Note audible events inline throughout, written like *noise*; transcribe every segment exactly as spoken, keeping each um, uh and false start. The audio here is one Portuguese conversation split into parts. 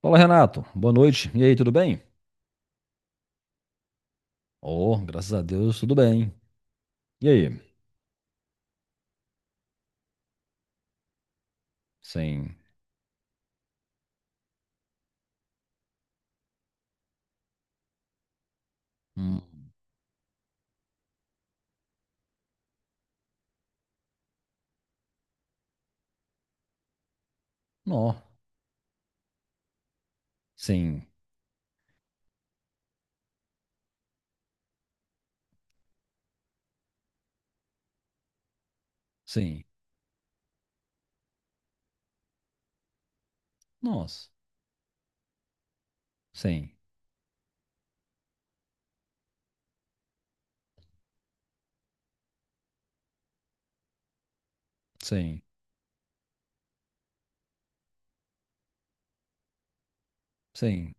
Fala, Renato. Boa noite. E aí, tudo bem? Oh, graças a Deus, tudo bem. E aí? Sim. Hum. Nó. Sim. Sim. Nós. Sim. Sim. Sim.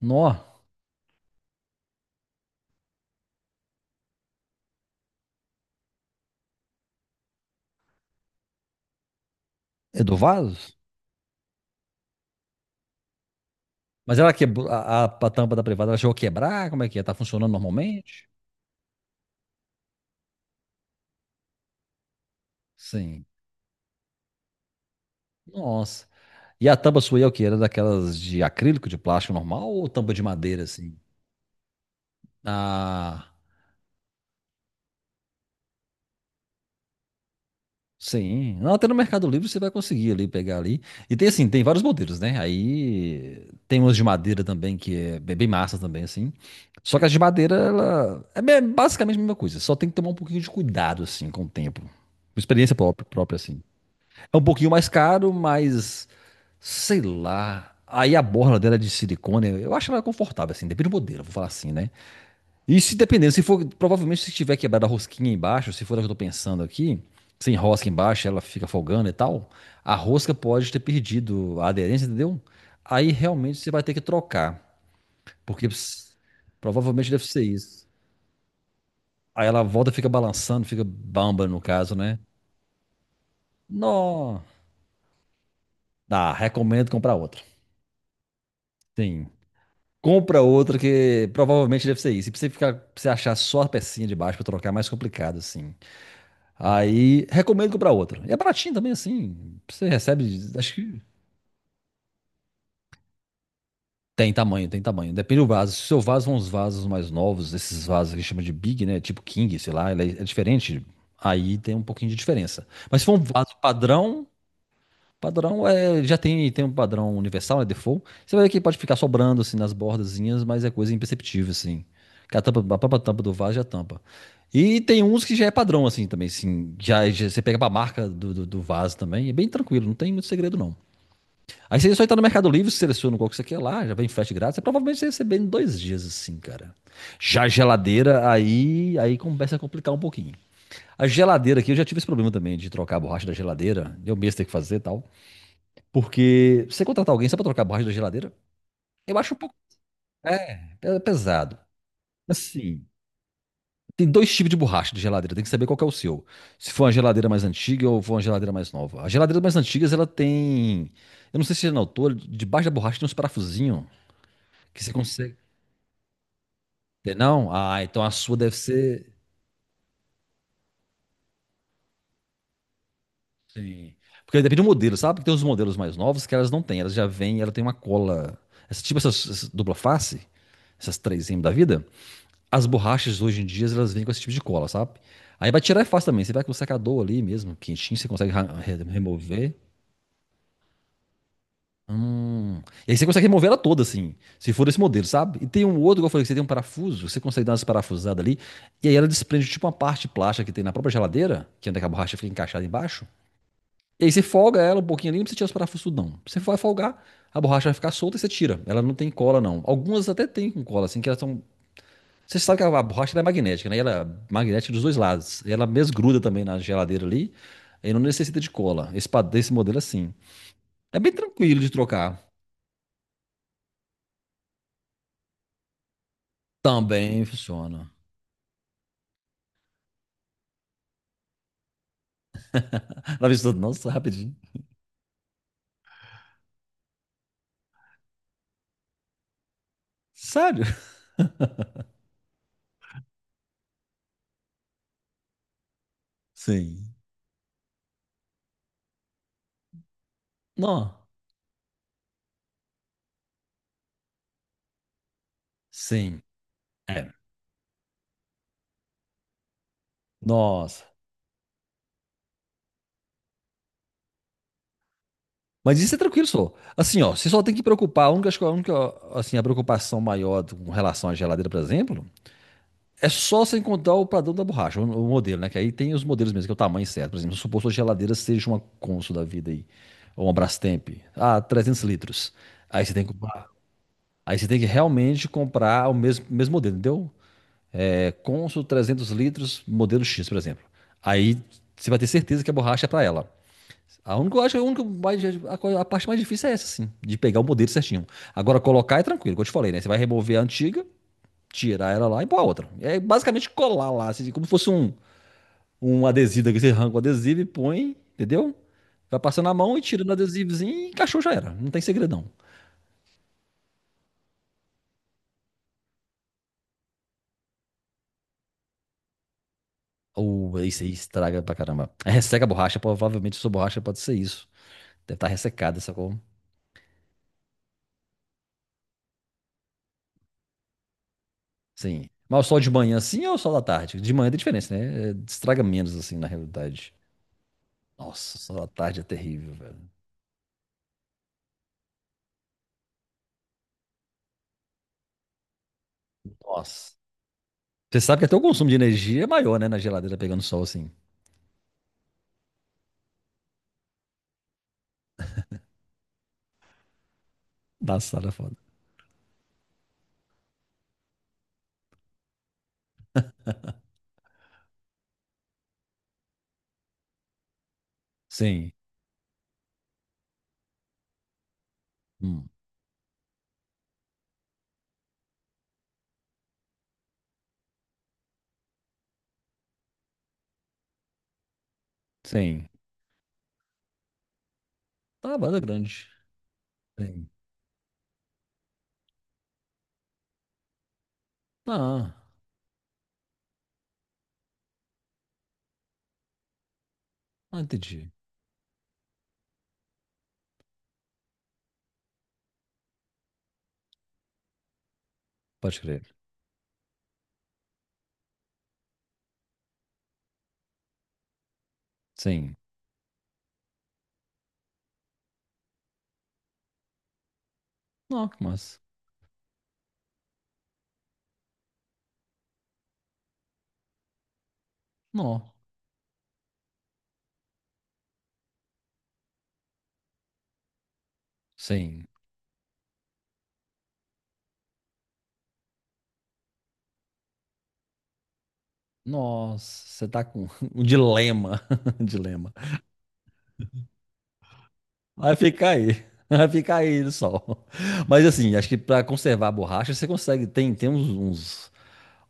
Nó. É do vaso? Mas ela quebrou a, a, a tampa da privada, ela chegou a quebrar? Como é que é? Tá funcionando normalmente? Sim. Nossa. E a tampa sua aí é o quê? Era daquelas de acrílico, de plástico normal ou tampa de madeira, assim? Ah. Sim, não, até no Mercado Livre você vai conseguir ali pegar ali. E tem assim, tem vários modelos, né? Aí tem umas de madeira também que é bem bem massa também assim. Só que as de madeira ela é bem- basicamente a mesma coisa, só tem que tomar um pouquinho de cuidado assim com o tempo. Uma experiência própria, própria assim. É um pouquinho mais caro, mas sei lá. Aí a borla dela é de silicone, eu acho ela confortável assim, depende do modelo, vou falar assim, né? E se dependendo, se for, provavelmente se tiver quebrado a rosquinha embaixo, se for a que eu tô pensando aqui, sem rosca embaixo, ela fica folgando e tal, a rosca pode ter perdido a aderência, entendeu? Aí realmente você vai ter que trocar, porque ps- provavelmente deve ser isso. Aí ela volta, fica balançando, fica bamba no caso, né? Nó. Ah, recomendo comprar outra. Sim. Compra outra que provavelmente deve ser isso. E pra você ficar, pra você achar só a pecinha de baixo pra trocar é mais complicado, assim. Aí recomendo comprar outra. E é baratinho também, assim. Você recebe, acho que tem tamanho, tem tamanho. Depende do vaso. Se o seu vaso são uns vasos mais novos, esses vasos que chama de Big, né? Tipo King, sei lá, ele é é diferente. Aí tem um pouquinho de diferença. Mas se for um vaso padrão, padrão é, já tem, tem um padrão universal, né, default. Você vai ver que pode ficar sobrando assim nas bordazinhas, mas é coisa imperceptível assim. Que a tampa, a própria tampa do vaso já tampa. E tem uns que já é padrão assim também, assim, já, já você pega pra marca do, do, do vaso também, é bem tranquilo, não tem muito segredo não. Aí você só entra no Mercado Livre, seleciona qual que você quer lá, já vem frete grátis, você provavelmente você vai receber em dois dias assim, cara. Já a geladeira, aí, aí começa a complicar um pouquinho. A geladeira aqui, eu já tive esse problema também de trocar a borracha da geladeira, eu mesmo tenho que fazer e tal. Porque você contratar alguém só pra trocar a borracha da geladeira, eu acho um pouco. É, é pesado. Assim, tem dois tipos de borracha de geladeira, tem que saber qual que é o seu. Se for uma geladeira mais antiga ou for uma geladeira mais nova. As geladeiras mais antigas, ela tem. Eu não sei se é na altura, debaixo da borracha tem uns parafusinhos que você consegue. Tem, não? Ah, então a sua deve ser. Sim. Porque depende do modelo, sabe? Porque tem uns modelos mais novos que elas não têm, elas já vêm, ela tem uma cola. Essa, tipo essas, essas, dupla face, essas três M da vida. As borrachas hoje em dia, elas vêm com esse tipo de cola, sabe? Aí pra tirar é fácil também. Você vai com o secador ali mesmo, quentinho, você consegue ra- re- remover. Hum. E aí você consegue remover ela toda, assim, se for desse modelo, sabe? E tem um outro, igual eu falei, que você tem um parafuso, você consegue dar umas parafusadas ali, e aí ela desprende tipo uma parte plástica que tem na própria geladeira, que é onde é que a borracha fica encaixada embaixo. E aí você folga ela um pouquinho ali, não precisa tirar os parafusos, não. Você vai folgar, a borracha vai ficar solta e você tira. Ela não tem cola, não. Algumas até tem com cola, assim, que elas são. Você sabe que a a borracha ela é magnética, né? E ela é magnética dos dois lados. E ela mesgruda também na geladeira ali. E não necessita de cola. Esse, pa- desse modelo é assim. É bem tranquilo de trocar. Também funciona. Ela vez nossa, rapidinho. Sério? Sim. Não. Sim. É. Nossa. Mas isso é tranquilo, só. Assim, ó, você só tem que preocupar. A única, acho que a única, assim, a preocupação maior do- com relação à geladeira, por exemplo, é só sem contar o padrão da borracha, o, o modelo, né? Que aí tem os modelos mesmo, que é o tamanho certo. Por exemplo, suposto que a geladeira seja uma Consul da vida aí, ou uma Brastemp. Ah, 300 litros. Aí você tem que comprar. Aí você tem que realmente comprar o mesmo, mesmo modelo, entendeu? É Consul 300 litros, modelo X, por exemplo. Aí você vai ter certeza que a borracha é pra ela. A única, eu acho, que a única mais, a, coisa- a parte mais difícil é essa, assim, de pegar o modelo certinho. Agora, colocar é tranquilo, como eu te falei, né? Você vai remover a antiga, tirar ela lá e pôr a outra. É basicamente colar lá, assim, como se fosse um, um adesivo daqui, você arranca o adesivo e põe, entendeu? Vai passando a mão e tirando o adesivozinho e encaixou, já era. Não tem segredão. Ou isso aí estraga pra caramba. Aí resseca a borracha, provavelmente sua borracha pode ser isso. Deve estar ressecada, sacou? Sim. Mas o sol de manhã assim ou o sol da tarde? De manhã tem diferença, né? É, estraga menos assim, na realidade. Nossa, o sol da tarde é terrível, velho. Nossa. Você sabe que até o consumo de energia é maior, né? Na geladeira pegando sol assim. Da sala é foda. Sim. Hum. Sim. Tá, banda grande. Sim. Ah. Ah, entendi. Pode crer. Sim. Não, que massa. Não. Sim. Nossa, você tá com *laughs* um dilema. *laughs* Um dilema. Vai ficar aí. *laughs* Vai ficar aí no sol. Mas assim, acho que pra conservar a borracha, você consegue. Tem, tem uns, uns,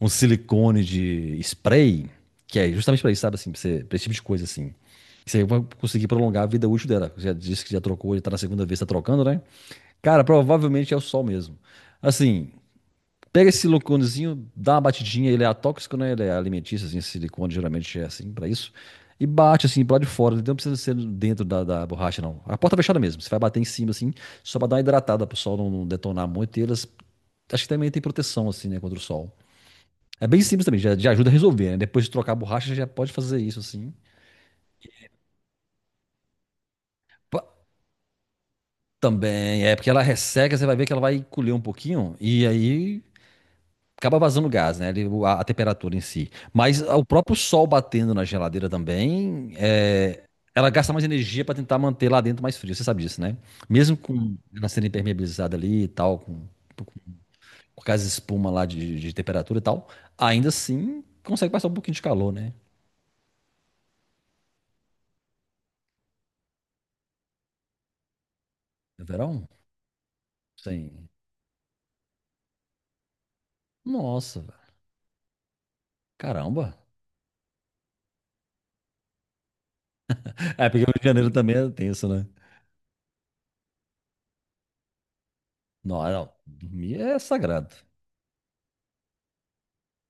uns silicone de spray, que é justamente pra isso, sabe assim, pra, você, pra esse tipo de coisa assim. Você vai conseguir prolongar a vida útil dela. Você já disse que já trocou, já tá na segunda vez, tá trocando, né? Cara, provavelmente é o sol mesmo. Assim, pega esse siliconezinho, dá uma batidinha, ele é atóxico, né? Ele é alimentício, assim, esse silicone geralmente é assim pra isso. E bate assim pro lado de fora, ele não precisa ser dentro da, da borracha, não. A porta fechada mesmo, você vai bater em cima assim, só pra dar uma hidratada pro sol não não detonar muito. E elas, acho que também tem proteção assim, né, contra o sol. É bem simples também, já, já ajuda a resolver, né? Depois de trocar a borracha, já pode fazer isso assim. Pa- Também, é porque ela resseca, você vai ver que ela vai encolher um pouquinho, e aí acaba vazando gás, né? Ele- o- A, a temperatura em si. Mas ah, o próprio sol batendo na geladeira também, é, ela gasta mais energia para tentar manter lá dentro mais frio. Você sabe disso, né? Mesmo com ela sendo impermeabilizada ali e tal, com, com, com aquelas espuma lá de, de temperatura e tal, ainda assim consegue passar um pouquinho de calor, né? No verão? Sim. Nossa, velho. Caramba. É, porque o Rio de Janeiro também é tenso, né? Não, não. Dormir é sagrado.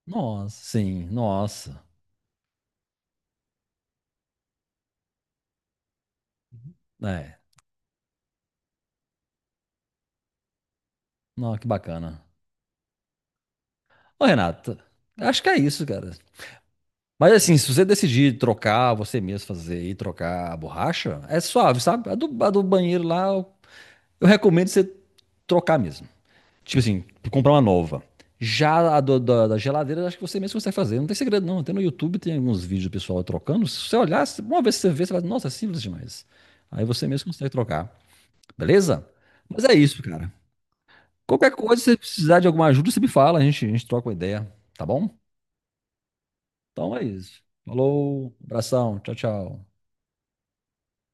Nossa, sim, nossa. É. Não, que bacana. Ô, Renato, acho que é isso, cara. Mas assim, se você decidir trocar, você mesmo fazer e trocar a borracha, é suave, sabe? A do, a do banheiro lá, eu, eu recomendo você trocar mesmo. Tipo assim, comprar uma nova. Já a do- da, da geladeira, acho que você mesmo consegue fazer. Não tem segredo, não. Até no YouTube tem alguns vídeos do pessoal trocando. Se você olhar, se- uma vez que você vê, você vai, nossa, é simples demais. Aí você mesmo consegue trocar, beleza? Mas é isso, cara. Qualquer coisa, se você precisar de alguma ajuda, você me fala, a gente, a gente troca uma ideia, tá bom? Então é isso. Falou, abração, tchau, tchau.